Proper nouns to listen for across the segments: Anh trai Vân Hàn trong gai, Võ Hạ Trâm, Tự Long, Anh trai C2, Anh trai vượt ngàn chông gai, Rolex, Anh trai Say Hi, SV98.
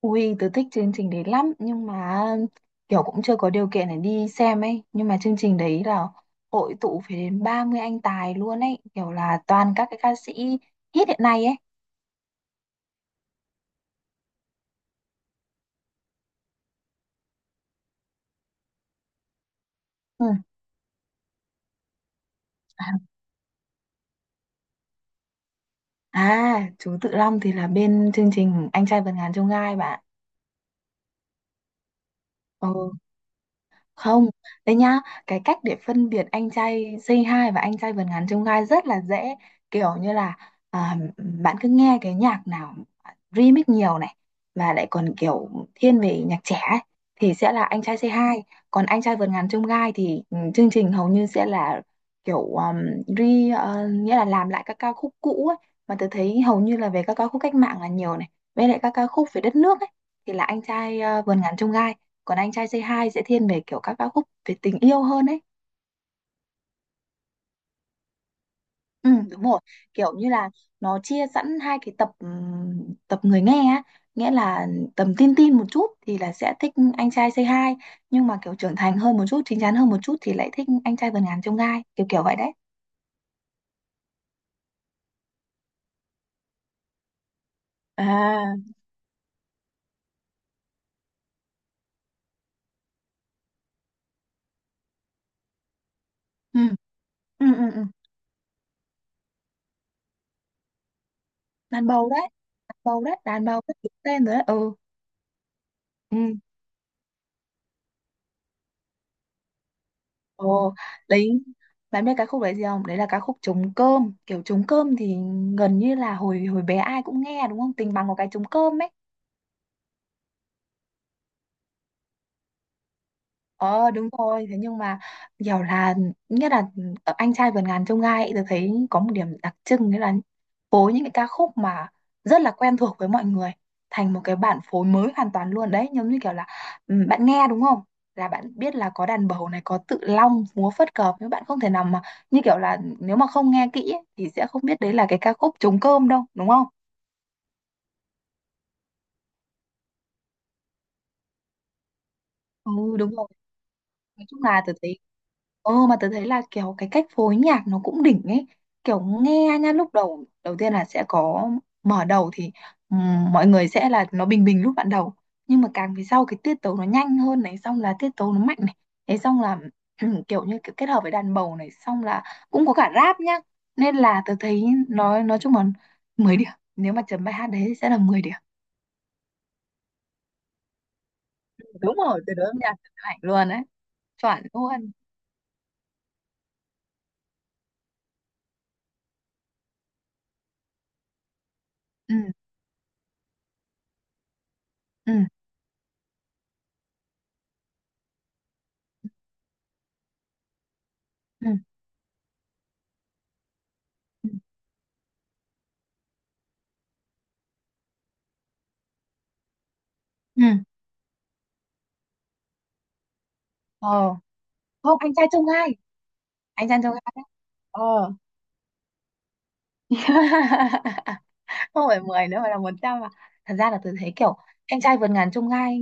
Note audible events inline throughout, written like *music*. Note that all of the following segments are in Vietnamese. Ui, tớ thích chương trình đấy lắm, nhưng mà kiểu cũng chưa có điều kiện để đi xem ấy. Nhưng mà chương trình đấy là hội tụ phải đến 30 anh tài luôn ấy, kiểu là toàn các cái ca sĩ hit hiện nay ấy. Ừ. À, chú Tự Long thì là bên chương trình Anh trai vượt ngàn chông gai bạn. Ừ, không. Đấy nhá, cái cách để phân biệt anh trai Say Hi và anh trai vượt ngàn chông gai rất là dễ, kiểu như là à, bạn cứ nghe cái nhạc nào remix nhiều này, mà lại còn kiểu thiên về nhạc trẻ ấy, thì sẽ là anh trai C2. Còn anh trai vượt ngàn chông gai thì chương trình hầu như sẽ là kiểu nghĩa là làm lại các ca khúc cũ ấy, mà tôi thấy hầu như là về các ca khúc cách mạng là nhiều này, với lại các ca khúc về đất nước ấy, thì là anh trai vườn ngàn chông gai. Còn anh trai C2 sẽ thiên về kiểu các ca khúc về tình yêu hơn ấy. Ừ, đúng rồi, kiểu như là nó chia sẵn hai cái tập, tập người nghe á, nghĩa là tầm teen teen một chút thì là sẽ thích anh trai Say Hi, nhưng mà kiểu trưởng thành hơn một chút, chín chắn hơn một chút thì lại thích anh trai vượt ngàn chông gai, kiểu kiểu vậy đấy. À, ừ, ừ, ừ, ừ. Đàn bầu đấy, đàn bầu đấy, đàn bầu đấy, đúng tên rồi đấy, ừ. Ừ. Ồ, đấy, bạn biết cái khúc đấy gì không? Đấy là ca khúc Trống Cơm. Kiểu trống cơm thì gần như là hồi hồi bé ai cũng nghe đúng không, tình bằng có cái trống cơm ấy. Ờ, đúng rồi, thế nhưng mà kiểu là, nghĩa là ở anh trai vượt ngàn chông gai ấy, tôi thấy có một điểm đặc trưng, nghĩa là phối những cái ca khúc mà rất là quen thuộc với mọi người thành một cái bản phối mới hoàn toàn luôn đấy, giống như kiểu là bạn nghe đúng không, là bạn biết là có đàn bầu này, có Tự Long múa phất cờ, nhưng bạn không thể nào mà, như kiểu là nếu mà không nghe kỹ ấy, thì sẽ không biết đấy là cái ca khúc Trống Cơm đâu đúng không? Ừ, đúng rồi, nói chung là tớ thấy. Ờ, mà tớ thấy là kiểu cái cách phối nhạc nó cũng đỉnh ấy. Kiểu nghe nha, lúc đầu, đầu tiên là sẽ có mở đầu thì mọi người sẽ là nó bình bình lúc ban đầu. Nhưng mà càng về sau cái tiết tấu nó nhanh hơn này, xong là tiết tấu nó mạnh này. Thế xong là *clears throat* kiểu như kiểu kết hợp với đàn bầu này, xong là cũng có cả rap nhá. Nên là tớ thấy nói chung là 10 điểm. Nếu mà chấm bài hát đấy thì sẽ là 10 điểm. Đúng rồi, từ đó âm nhạc tuyệt hạnh luôn đấy. Chuẩn luôn. Ừ, ừ, ừ, ừ. Ừ. Ờ, không, anh trai trong gai, anh trai trong gai đấy. Ờ. *laughs* Không phải 10 nữa mà là 100 à? Thật ra là tôi thấy kiểu anh trai vượt ngàn chông gai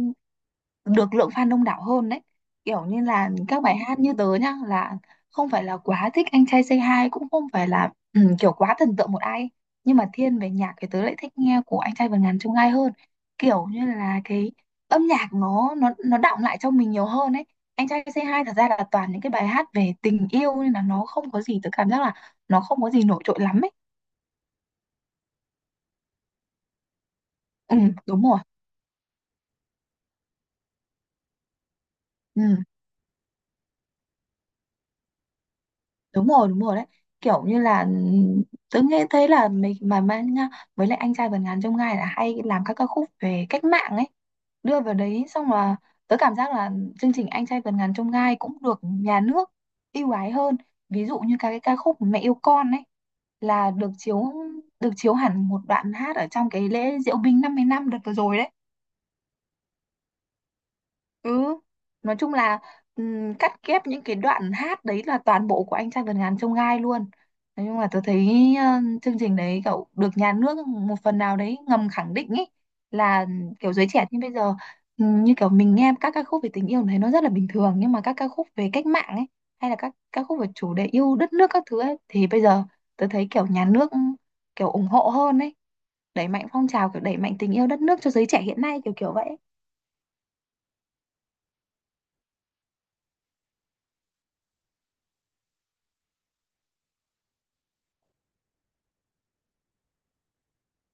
được lượng fan đông đảo hơn đấy, kiểu như là các bài hát, như tớ nhá, là không phải là quá thích anh trai Say Hi, cũng không phải là kiểu quá thần tượng một ai, nhưng mà thiên về nhạc thì tớ lại thích nghe của anh trai vượt ngàn chông gai hơn. Kiểu như là cái âm nhạc nó đọng lại trong mình nhiều hơn ấy. Anh trai Say Hi thật ra là toàn những cái bài hát về tình yêu, nên là nó không có gì, tớ cảm giác là nó không có gì nổi trội lắm ấy. Ừ, đúng rồi, ừ, đúng rồi, đúng rồi đấy, kiểu như là tớ nghe thấy là mình mà nha. Với lại anh trai vượt ngàn chông gai là hay làm các ca khúc về cách mạng ấy, đưa vào đấy, xong là tớ cảm giác là chương trình anh trai vượt ngàn chông gai cũng được nhà nước ưu ái hơn. Ví dụ như các cái ca khúc Mẹ Yêu Con ấy là được chiếu hẳn một đoạn hát ở trong cái lễ diễu binh 50 năm đợt vừa rồi đấy. Ừ, nói chung là cắt ghép những cái đoạn hát đấy là toàn bộ của anh trai vượt ngàn chông gai luôn. Nói chung là tôi thấy ờ, chương trình đấy cậu được nhà nước một phần nào đấy ngầm khẳng định ấy, là kiểu giới trẻ như bây giờ, như kiểu mình nghe các ca khúc về tình yêu thấy nó rất là bình thường, nhưng mà các ca khúc về cách mạng ấy, hay là các ca khúc về chủ đề yêu đất nước các thứ ấy, thì bây giờ tôi thấy kiểu nhà nước kiểu ủng hộ hơn ấy, đẩy mạnh phong trào, kiểu đẩy mạnh tình yêu đất nước cho giới trẻ hiện nay kiểu kiểu vậy.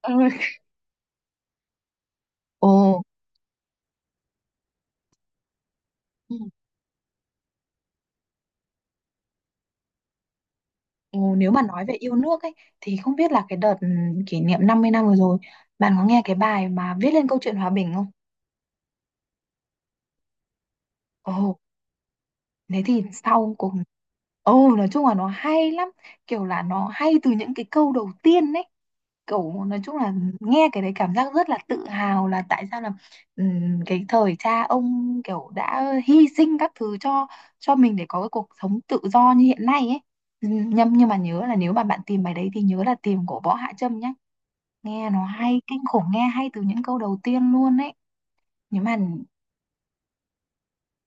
Ừ. Ồ. Ồ, nếu mà nói về yêu nước ấy, thì không biết là cái đợt kỷ niệm 50 năm vừa rồi bạn có nghe cái bài mà viết lên câu chuyện hòa bình không? Ồ, thế thì sau cùng. Ồ, nói chung là nó hay lắm, kiểu là nó hay từ những cái câu đầu tiên ấy, kiểu nói chung là nghe cái đấy cảm giác rất là tự hào, là tại sao là cái thời cha ông kiểu đã hy sinh các thứ cho mình để có cái cuộc sống tự do như hiện nay ấy. Nhưng mà nhớ là nếu mà bạn tìm bài đấy thì nhớ là tìm của Võ Hạ Trâm nhá, nghe nó hay kinh khủng, nghe hay từ những câu đầu tiên luôn ấy. Nhưng mà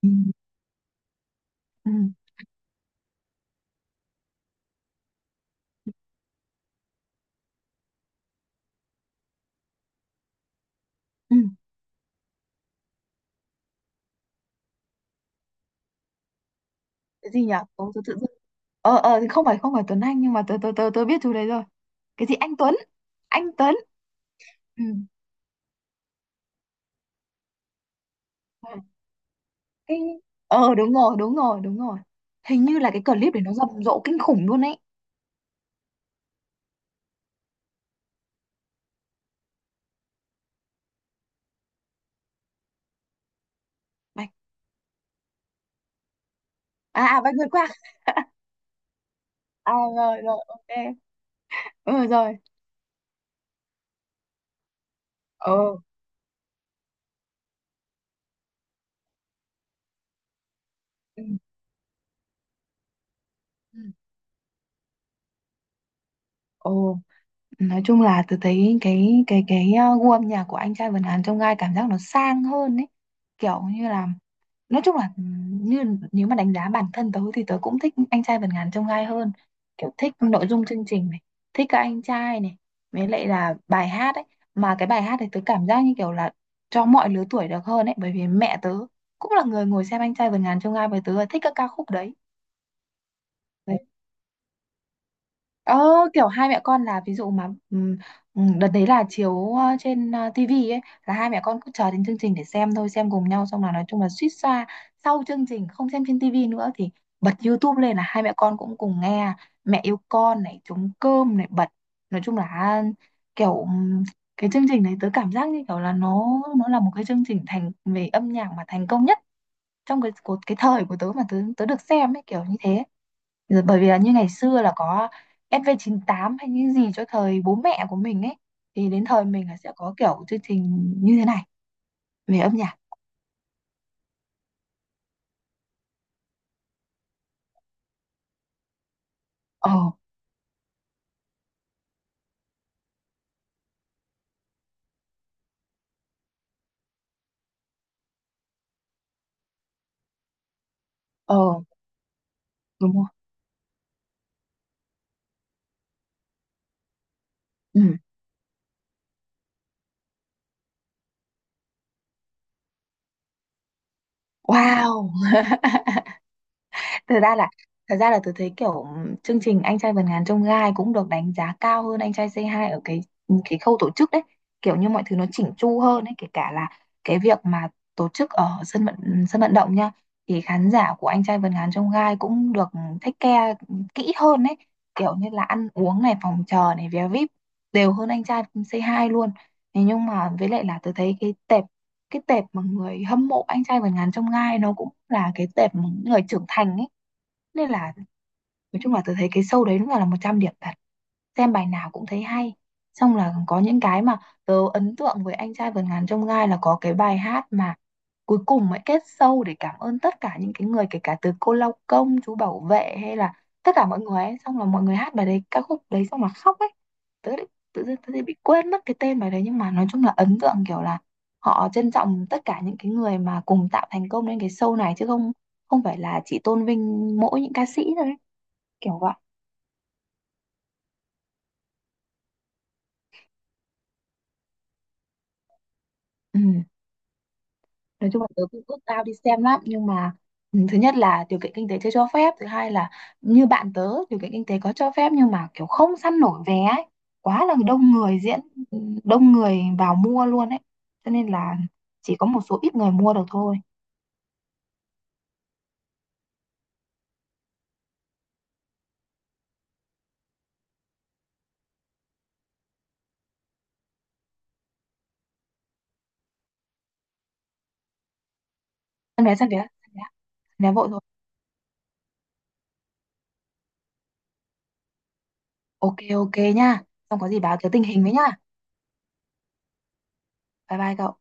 ừ, ừ, ừ. Cái gì nhỉ. Ủa, tự tự dưng- thì không phải, không phải Tuấn Anh, nhưng mà tớ tớ tớ tôi biết chú đấy rồi. Cái gì anh Tuấn, anh Tuấn. Ừ. cái ờ Đúng rồi, đúng rồi, đúng rồi, hình như là cái clip để nó rầm rộ kinh khủng luôn ấy. Bạch. À, à, Bạch vượt qua. À, rồi, rồi, ok. Ừ, rồi. Ờ. Ừ. Ừ. Ồ. Nói chung là tôi thấy cái gu âm nhạc của anh trai Vân Hàn trong gai cảm giác nó sang hơn ấy. Kiểu như là, nói chung là, ừ, như nếu mà đánh giá bản thân tớ thì tớ cũng thích anh trai Vân Hàn trong gai hơn. Kiểu thích nội dung chương trình này, thích các anh trai này, với lại là bài hát ấy. Mà cái bài hát thì tớ cảm giác như kiểu là cho mọi lứa tuổi được hơn ấy, bởi vì mẹ tớ cũng là người ngồi xem anh trai Vân Hàn trong gai với tớ là thích các ca khúc đấy. Ờ, kiểu hai mẹ con là ví dụ mà, đợt đấy là chiếu trên TV ấy, là hai mẹ con cứ chờ đến chương trình để xem thôi, xem cùng nhau, xong là nói chung là suýt xoa. Sau chương trình không xem trên TV nữa thì bật YouTube lên là hai mẹ con cũng cùng nghe Mẹ Yêu Con này, Trống Cơm này bật, nói chung là kiểu cái chương trình này tớ cảm giác như kiểu là nó là một cái chương trình thành về âm nhạc mà thành công nhất, trong cái của cái thời của tớ mà tớ tớ được xem ấy, kiểu như thế rồi, bởi vì là như ngày xưa là có SV98 hay những gì cho thời bố mẹ của mình ấy, thì đến thời mình là sẽ có kiểu chương trình như thế này về âm nhạc. Ờ, ờ, đúng rồi. Ừ. Wow. thật ra là Thật ra là tôi thấy kiểu chương trình anh trai vượt ngàn chông gai cũng được đánh giá cao hơn anh trai C2 ở cái khâu tổ chức đấy, kiểu như mọi thứ nó chỉnh chu hơn đấy, kể cả là cái việc mà tổ chức ở sân vận động nha, thì khán giả của anh trai vượt ngàn chông gai cũng được take care kỹ hơn đấy, kiểu như là ăn uống này, phòng chờ này, vé VIP đều hơn anh trai C2 luôn. Thế nhưng mà với lại là tôi thấy cái tệp mà người hâm mộ anh trai vượt ngàn chông gai nó cũng là cái tệp mà những người trưởng thành ấy, nên là nói chung là tôi thấy cái show đấy đúng là 100 điểm thật, xem bài nào cũng thấy hay. Xong là có những cái mà tớ ấn tượng với anh trai vượt ngàn chông gai là có cái bài hát mà cuối cùng mới kết show để cảm ơn tất cả những cái người, kể cả từ cô lao công, chú bảo vệ, hay là tất cả mọi người ấy, xong là mọi người hát bài đấy, ca khúc đấy, xong là khóc ấy. tớ lại- Tự dưng tớ lại bị quên mất cái tên bài đấy, nhưng mà nói chung là ấn tượng kiểu là họ trân trọng tất cả những cái người mà cùng tạo thành công lên cái show này, chứ không, không phải là chỉ tôn vinh mỗi những ca sĩ thôi, kiểu vậy. Ừ, nói chung là tớ cũng ước ao đi xem lắm, nhưng mà thứ nhất là điều kiện kinh tế chưa cho phép, thứ hai là như bạn tớ điều kiện kinh tế có cho phép nhưng mà kiểu không săn nổi vé ấy, quá là đông người diễn, ừ, đông người vào mua luôn ấy, cho nên là chỉ có một số ít người mua được thôi. Săn vé, săn vé, săn vé, săn vé vội rồi. Ok, ok nha, xong có gì báo tớ tình hình với nha. Bye bye cậu.